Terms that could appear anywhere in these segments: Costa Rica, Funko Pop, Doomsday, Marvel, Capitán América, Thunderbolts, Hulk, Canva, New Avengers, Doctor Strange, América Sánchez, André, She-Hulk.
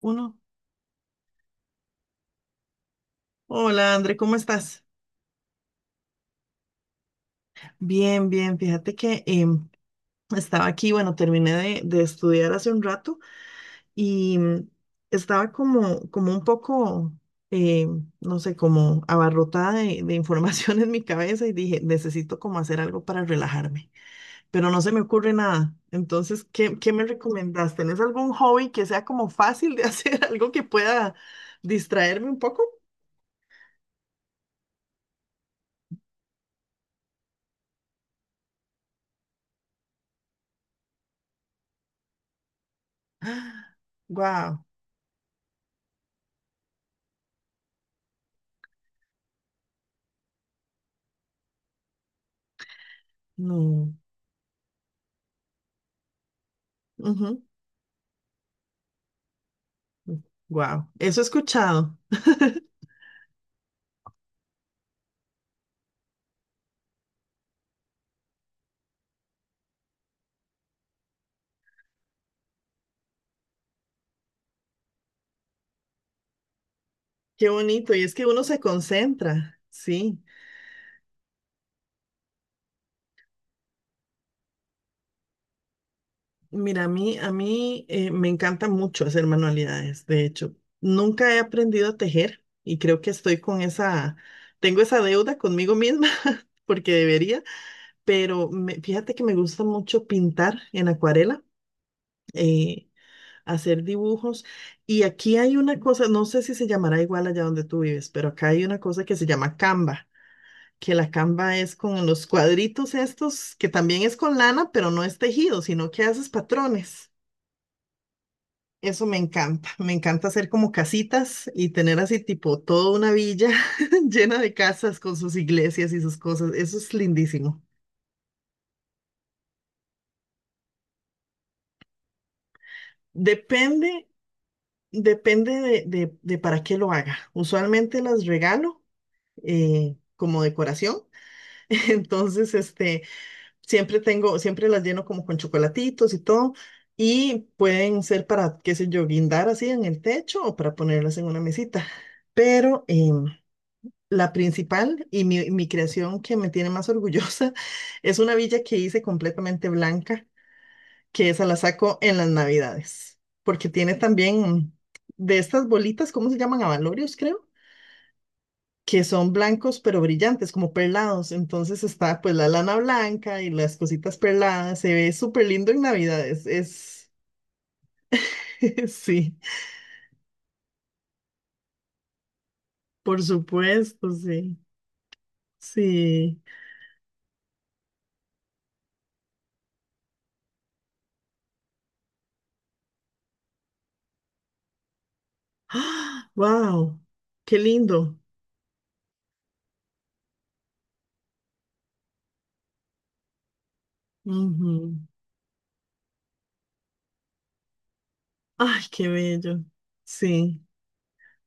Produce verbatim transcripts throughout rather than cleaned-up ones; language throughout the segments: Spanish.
Uno. Hola, André, ¿cómo estás? Bien, bien. Fíjate que em, estaba aquí, bueno, terminé de, de estudiar hace un rato y mm, estaba como, como un poco, em, no sé, como abarrotada de, de información en mi cabeza y dije, necesito como hacer algo para relajarme, pero no se me ocurre nada. Entonces, ¿qué, qué me recomendás? ¿Tenés algún hobby que sea como fácil de hacer, algo que pueda distraerme un poco? Wow, no. Wow, eso he escuchado. Qué bonito. Y es que uno se concentra, sí. Mira, a mí, a mí eh, me encanta mucho hacer manualidades. De hecho, nunca he aprendido a tejer y creo que estoy con esa, tengo esa deuda conmigo misma porque debería, pero me- fíjate que me gusta mucho pintar en acuarela, eh, hacer dibujos. Y aquí hay una cosa, no sé si se llamará igual allá donde tú vives, pero acá hay una cosa que se llama Canva, que la camba es con los cuadritos estos, que también es con lana, pero no es tejido, sino que haces patrones. Eso me encanta, me encanta hacer como casitas y tener así tipo toda una villa llena de casas con sus iglesias y sus cosas. Eso es lindísimo. Depende, depende de, de- de para qué lo haga. Usualmente las regalo eh, como decoración. Entonces, este, siempre tengo, siempre las lleno como con chocolatitos y todo. Y pueden ser para, qué sé yo, guindar así en el techo o para ponerlas en una mesita. Pero em, la principal y mi, mi creación que me tiene más orgullosa es una villa que hice completamente blanca, que esa la saco en las Navidades, porque tiene también de estas bolitas, ¿cómo se llaman? Abalorios, creo que son blancos pero brillantes, como perlados. Entonces está pues la lana blanca y las cositas perladas. Se ve súper lindo en Navidades. Es, sí, por supuesto, sí, sí. ¡Ah! ¡Wow! ¡Qué lindo! Ujú. ¡Ay, qué bello! Sí,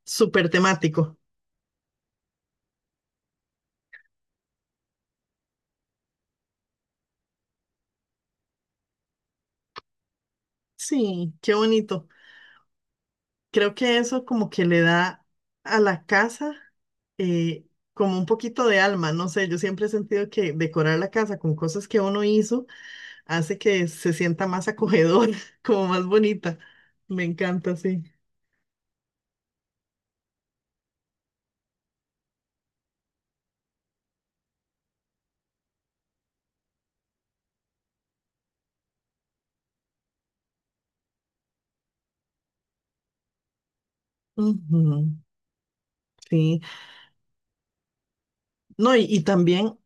súper temático. Sí, qué bonito. Creo que eso como que le da a la casa eh, como un poquito de alma, no sé, yo siempre he sentido que decorar la casa con cosas que uno hizo hace que se sienta más acogedora, como más bonita. Me encanta, sí. Ujú, sí. No, y, y también,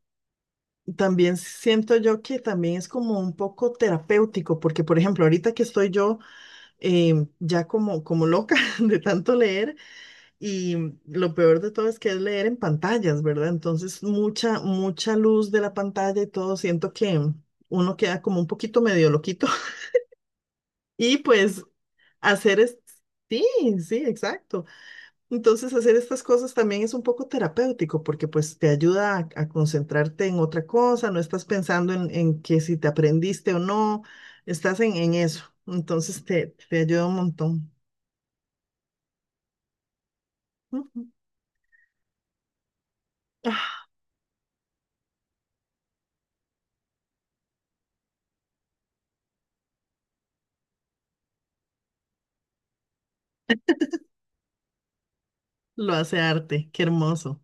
también siento yo que también es como un poco terapéutico, porque por ejemplo, ahorita que estoy yo em, ya como, como loca de tanto leer. Y lo peor de todo es que es leer en pantallas, ¿verdad? Entonces, mucha, mucha luz de la pantalla y todo, siento que uno queda como un poquito medio loquito. Y pues hacer es... Sí, sí, exacto. Entonces, hacer estas cosas también es un poco terapéutico porque pues te ayuda a, a concentrarte en otra cosa, no estás pensando en, en que si te aprendiste o no, estás en, en eso. Entonces, te, te ayuda un montón. Ujú. Ah, lo hace arte, qué hermoso.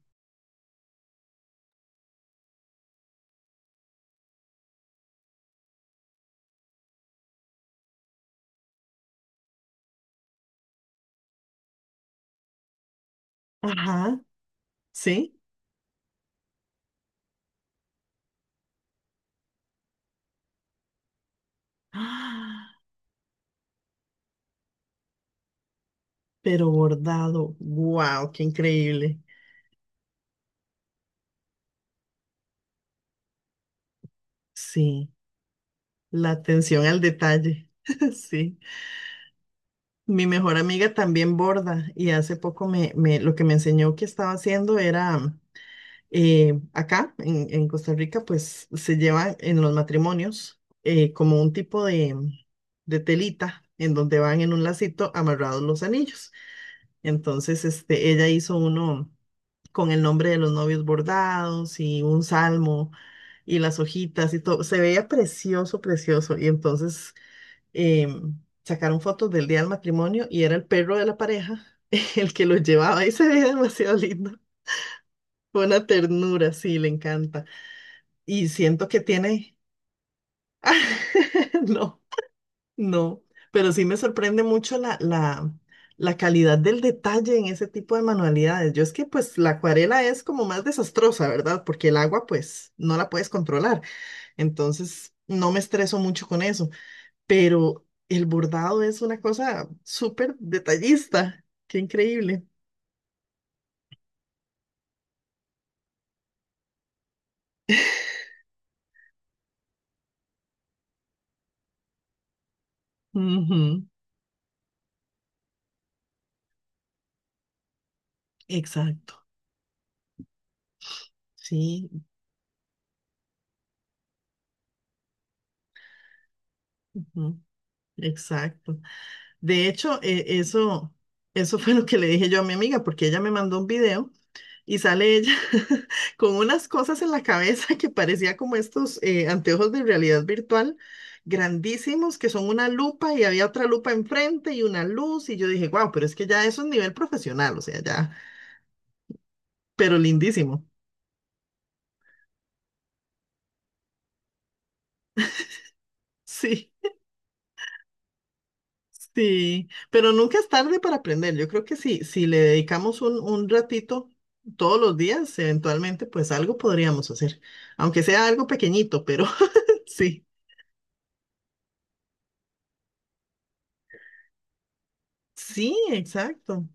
Ajá, sí. ¡Ah! Pero bordado, wow, qué increíble. Sí, la atención al detalle. Sí, mi mejor amiga también borda y hace poco me, me- lo que me enseñó que estaba haciendo era eh, acá en, en Costa Rica, pues se lleva en los matrimonios eh, como un tipo de, de telita en donde van en un lacito amarrados los anillos. Entonces, este, ella hizo uno con el nombre de los novios bordados y un salmo y las hojitas y todo. Se veía precioso, precioso. Y entonces em, sacaron fotos del día del matrimonio y era el perro de la pareja el que lo llevaba y se veía demasiado lindo. Fue una ternura, sí, le encanta. Y siento que tiene... No. No, pero sí me sorprende mucho la, la, la calidad del detalle en ese tipo de manualidades. Yo es que pues la acuarela es como más desastrosa, ¿verdad? Porque el agua pues no la puedes controlar. Entonces no me estreso mucho con eso. Pero el bordado es una cosa súper detallista. Qué increíble. Ujú, exacto. Sí, ujú, exacto. De hecho, e- eso, eso fue lo que le dije yo a mi amiga porque ella me mandó un video. Y sale ella con unas cosas en la cabeza que parecía como estos eh, anteojos de realidad virtual grandísimos, que son una lupa y había otra lupa enfrente y una luz. Y yo dije, wow, pero es que ya eso es nivel profesional, o sea, ya, pero lindísimo. Sí, sí, pero nunca es tarde para aprender. Yo creo que sí, si le dedicamos un, un ratito todos los días, eventualmente, pues algo podríamos hacer, aunque sea algo pequeñito, pero sí, sí, exacto.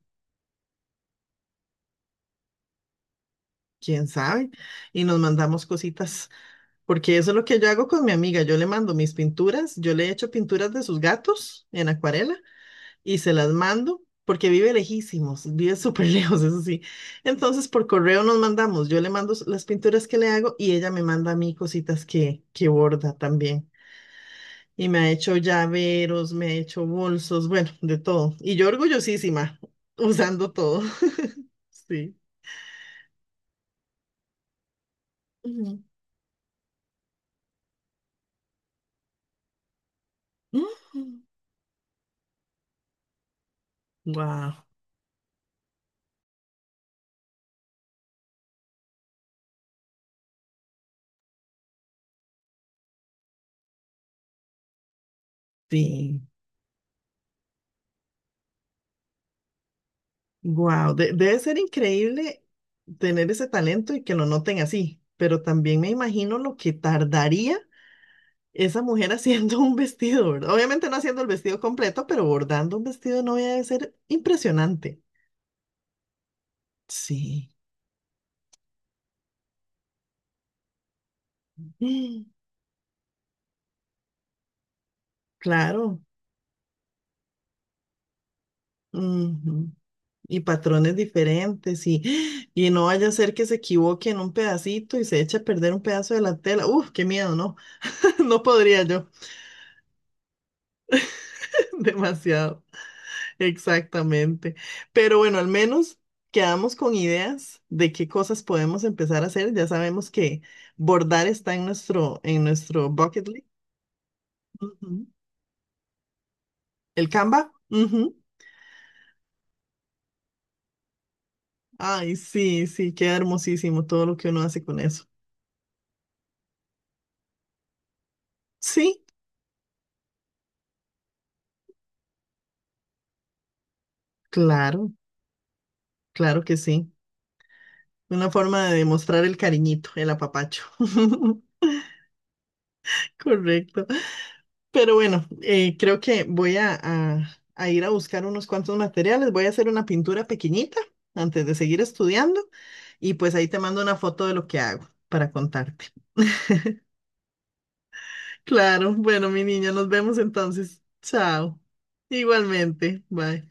Quién sabe, y nos mandamos cositas, porque eso es lo que yo hago con mi amiga, yo le mando mis pinturas, yo le echo pinturas de sus gatos en acuarela y se las mando, porque vive lejísimos, vive súper lejos, eso sí. Entonces, por correo nos mandamos, yo le mando s- las pinturas que le hago y ella me manda a mí cositas que, que borda también. Y me ha hecho llaveros, me ha hecho bolsos, bueno, de todo. Y yo orgullosísima, usando todo. Sí. Wow, sí. Wow, debe ser increíble tener ese talento y que lo noten así, pero también me imagino lo que tardaría esa mujer haciendo un vestido, ¿verdad? Obviamente no haciendo el vestido completo, pero bordando un vestido de novia debe ser impresionante. Sí, mm, claro. Ujú. Y patrones diferentes y, y no vaya a ser que se equivoque en un pedacito y se eche a perder un pedazo de la tela. Uf, qué miedo, ¿no? No podría yo, demasiado. Exactamente. Pero bueno, al menos quedamos con ideas de qué cosas podemos empezar a hacer. Ya sabemos que bordar está en nuestro, en nuestro bucket list. Ujú. El Canva. Ujú. Ay, sí, sí, queda hermosísimo todo lo que uno hace con eso. Sí, claro, claro que sí. Una forma de demostrar el cariñito, el apapacho. Correcto. Pero bueno, eh, creo que voy a, a- a ir a buscar unos cuantos materiales. Voy a hacer una pintura pequeñita antes de seguir estudiando y pues ahí te mando una foto de lo que hago para contarte. Claro, bueno, mi niña, nos vemos entonces. Chao. Igualmente. Bye.